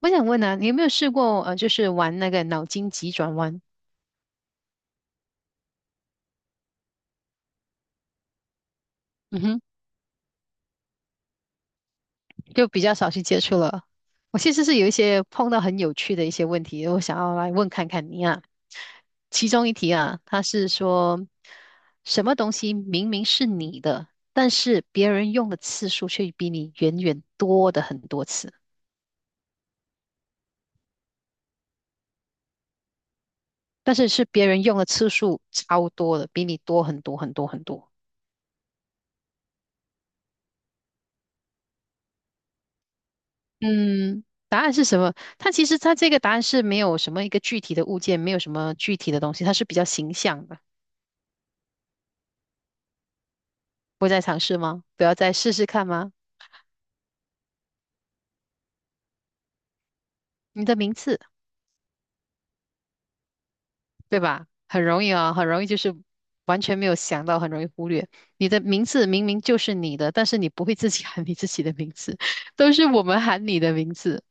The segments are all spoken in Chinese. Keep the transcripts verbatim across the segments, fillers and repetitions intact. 我想问啊，你有没有试过呃，就是玩那个脑筋急转弯？嗯哼，就比较少去接触了。我其实是有一些碰到很有趣的一些问题，我想要来问看看你啊。其中一题啊，它是说什么东西明明是你的，但是别人用的次数却比你远远多的很多次，但是是别人用的次数超多的，比你多很多很多很多。嗯，答案是什么？它其实它这个答案是没有什么一个具体的物件，没有什么具体的东西，它是比较形象的。不再尝试吗？不要再试试看吗？你的名字，对吧？很容易啊，很容易就是完全没有想到，很容易忽略。你的名字明明就是你的，但是你不会自己喊你自己的名字，都是我们喊你的名字。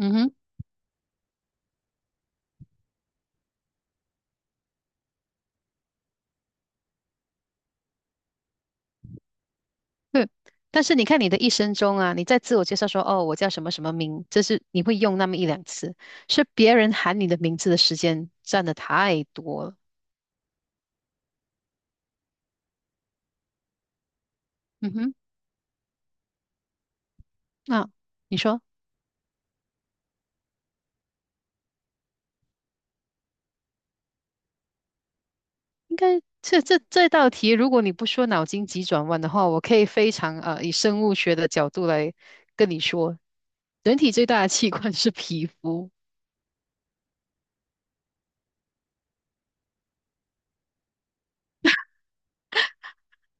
嗯哼。对，但是你看你的一生中啊，你在自我介绍说哦，我叫什么什么名，这是你会用那么一两次，是别人喊你的名字的时间占的太多了。嗯哼，那、你说应该这这这道题，如果你不说脑筋急转弯的话，我可以非常呃以生物学的角度来跟你说，人体最大的器官是皮肤。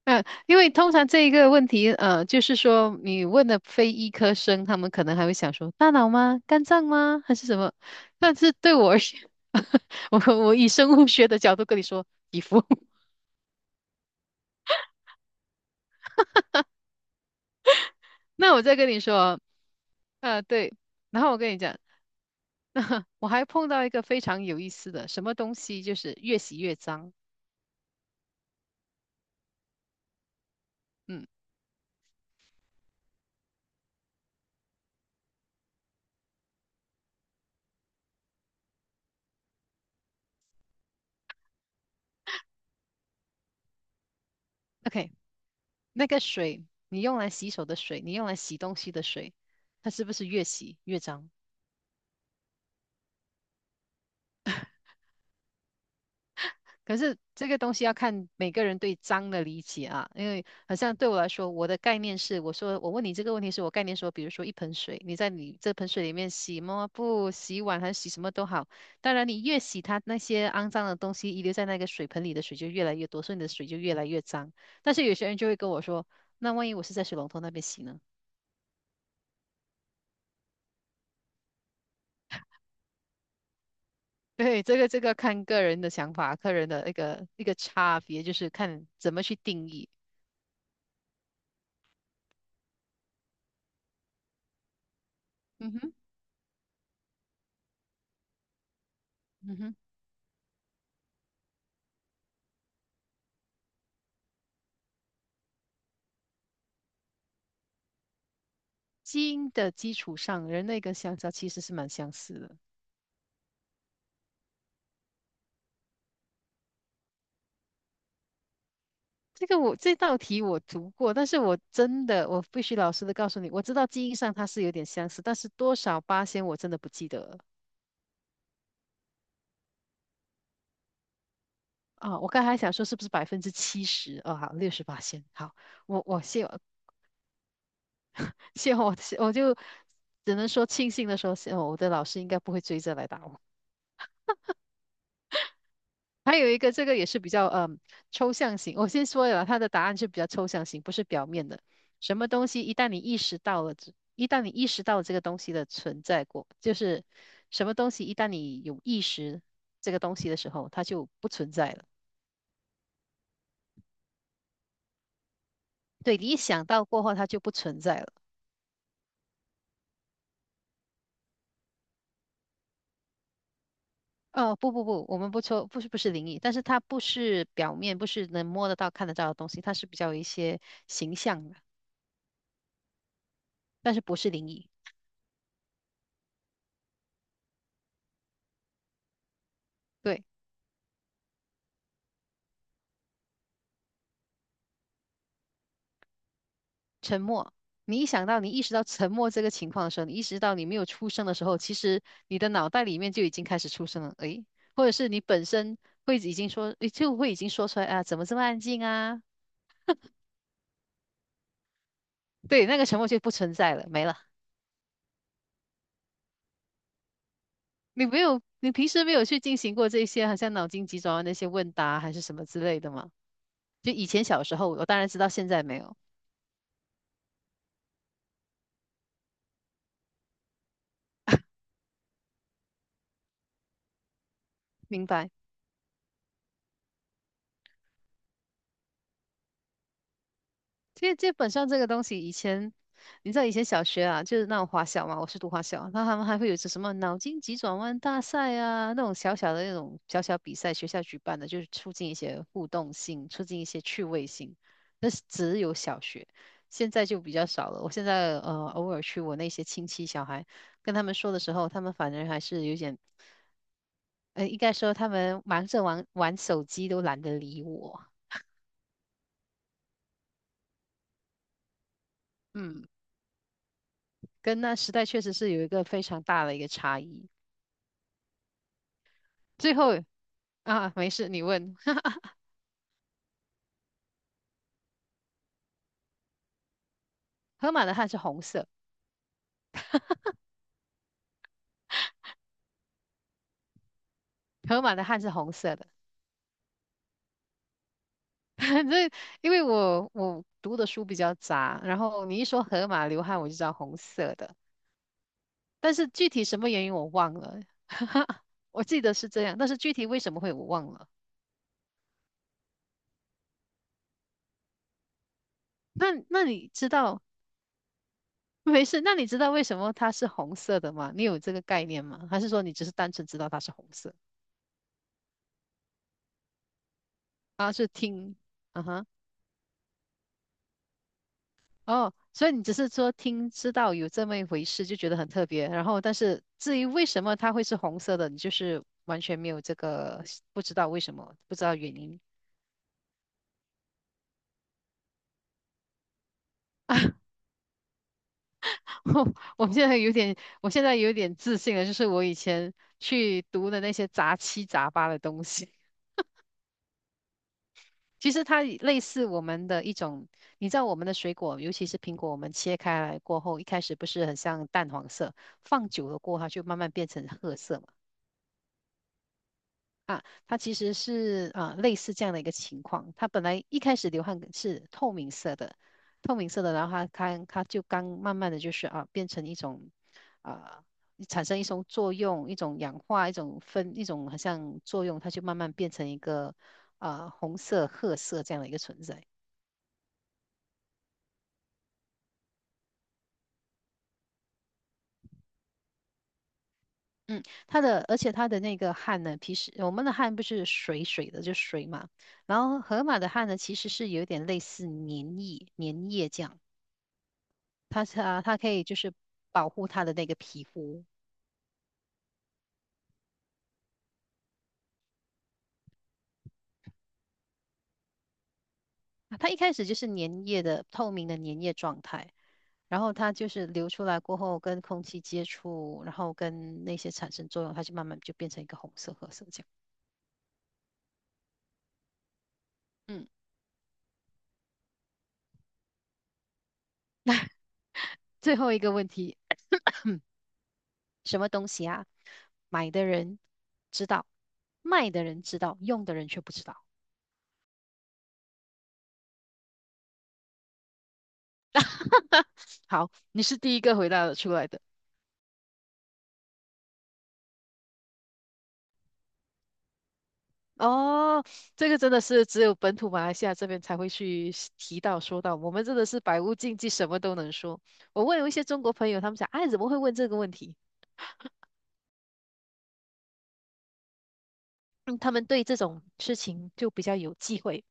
嗯，因为通常这一个问题，呃，就是说你问的非医科生，他们可能还会想说大脑吗？肝脏吗？还是什么？但是对我而言，我我以生物学的角度跟你说皮肤，那我再跟你说，啊，对，然后我跟你讲，那我还碰到一个非常有意思的什么东西，就是越洗越脏。嗯，O K，那个水，你用来洗手的水，你用来洗东西的水，它是不是越洗越脏？可是这个东西要看每个人对脏的理解啊，因为好像对我来说，我的概念是，我说我问你这个问题是我概念说，比如说一盆水，你在你这盆水里面洗抹布、洗碗还是洗什么都好，当然你越洗它那些肮脏的东西遗留在那个水盆里的水就越来越多，所以你的水就越来越脏。但是有些人就会跟我说，那万一我是在水龙头那边洗呢？对，这个这个看个人的想法，个人的一个一个差别，就是看怎么去定义。嗯哼，嗯哼。基因的基础上，人类跟香蕉其实是蛮相似的。这个我这道题我读过，但是我真的我必须老实的告诉你，我知道基因上它是有点相似，但是多少八仙我真的不记得了啊。我刚才还想说是不是百分之七十？哦，好，六十八仙。好，我我谢谢我我就只能说庆幸的说，谢我的老师应该不会追着来打我。还有一个，这个也是比较嗯抽象型。我先说了，它的答案是比较抽象型，不是表面的。什么东西一旦你意识到了这，一旦你意识到这个东西的存在过，就是什么东西一旦你有意识这个东西的时候，它就不存在了。对，你一想到过后，它就不存在了。哦，不不不，我们不抽，不是不是灵异，但是它不是表面，不是能摸得到、看得到的东西，它是比较有一些形象的，但是不是灵异。对。沉默。你一想到你意识到沉默这个情况的时候，你意识到你没有出声的时候，其实你的脑袋里面就已经开始出声了，诶，或者是你本身会已经说，诶就会已经说出来啊，怎么这么安静啊？对，那个沉默就不存在了，没了。你没有，你平时没有去进行过这些，好像脑筋急转弯那些问答还是什么之类的吗？就以前小时候，我当然知道，现在没有，明白。其实基本上这个东西，以前你知道以前小学啊，就是那种华小嘛，我是读华小，那他们还会有些什么脑筋急转弯大赛啊，那种小小的那种小小比赛，学校举办的，就是促进一些互动性，促进一些趣味性。那是只有小学，现在就比较少了。我现在呃偶尔去我那些亲戚小孩跟他们说的时候，他们反而还是有点，呃，应该说他们忙着玩玩手机都懒得理我。嗯。跟那时代确实是有一个非常大的一个差异。最后啊，没事，你问，河马的汗是红色，河马的汗是红色的。这因为我我读的书比较杂，然后你一说河马流汗，我就知道红色的，但是具体什么原因我忘了，我记得是这样，但是具体为什么会我忘了。那那你知道？没事，那你知道为什么它是红色的吗？你有这个概念吗？还是说你只是单纯知道它是红色？啊，是听，啊哈。哦，所以你只是说听知道有这么一回事，就觉得很特别。然后，但是至于为什么它会是红色的，你就是完全没有这个不知道为什么，不知道原因。我现在有点，我现在有点自信了，就是我以前去读的那些杂七杂八的东西，其实它也类似我们的一种，你知道我们的水果，尤其是苹果，我们切开来过后，一开始不是很像淡黄色，放久了过后，它就慢慢变成褐色啊，它其实是啊、呃类似这样的一个情况。它本来一开始流汗是透明色的，透明色的，然后它它它就刚慢慢的就是啊变成一种啊、产生一种作用，一种氧化，一种分，一种好像作用，它就慢慢变成一个啊、红色、褐色这样的一个存在。嗯，它的而且它的那个汗呢，平时我们的汗不是水水的，就水嘛。然后河马的汗呢，其实是有点类似粘液、粘液这样。它是啊，它可以就是保护它的那个皮肤。啊它一开始就是粘液的透明的粘液状态，然后它就是流出来过后跟空气接触，然后跟那些产生作用，它就慢慢就变成一个红色、褐色这样。嗯，最后一个问题，什么东西啊？买的人知道，卖的人知道，用的人却不知道。好，你是第一个回答得出来的。哦，这个真的是只有本土马来西亚这边才会去提到说到，我们真的是百无禁忌，什么都能说。我问有一些中国朋友，他们讲，哎，怎么会问这个问题？嗯他们对这种事情就比较有忌讳。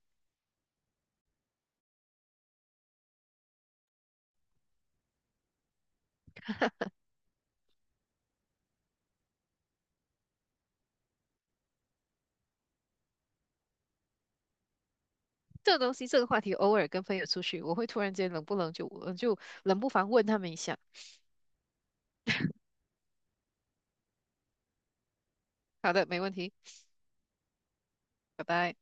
这个东西，这个话题，偶尔跟朋友出去，我会突然间冷不冷就呃就冷不防问他们一下。好的，没问题，拜拜。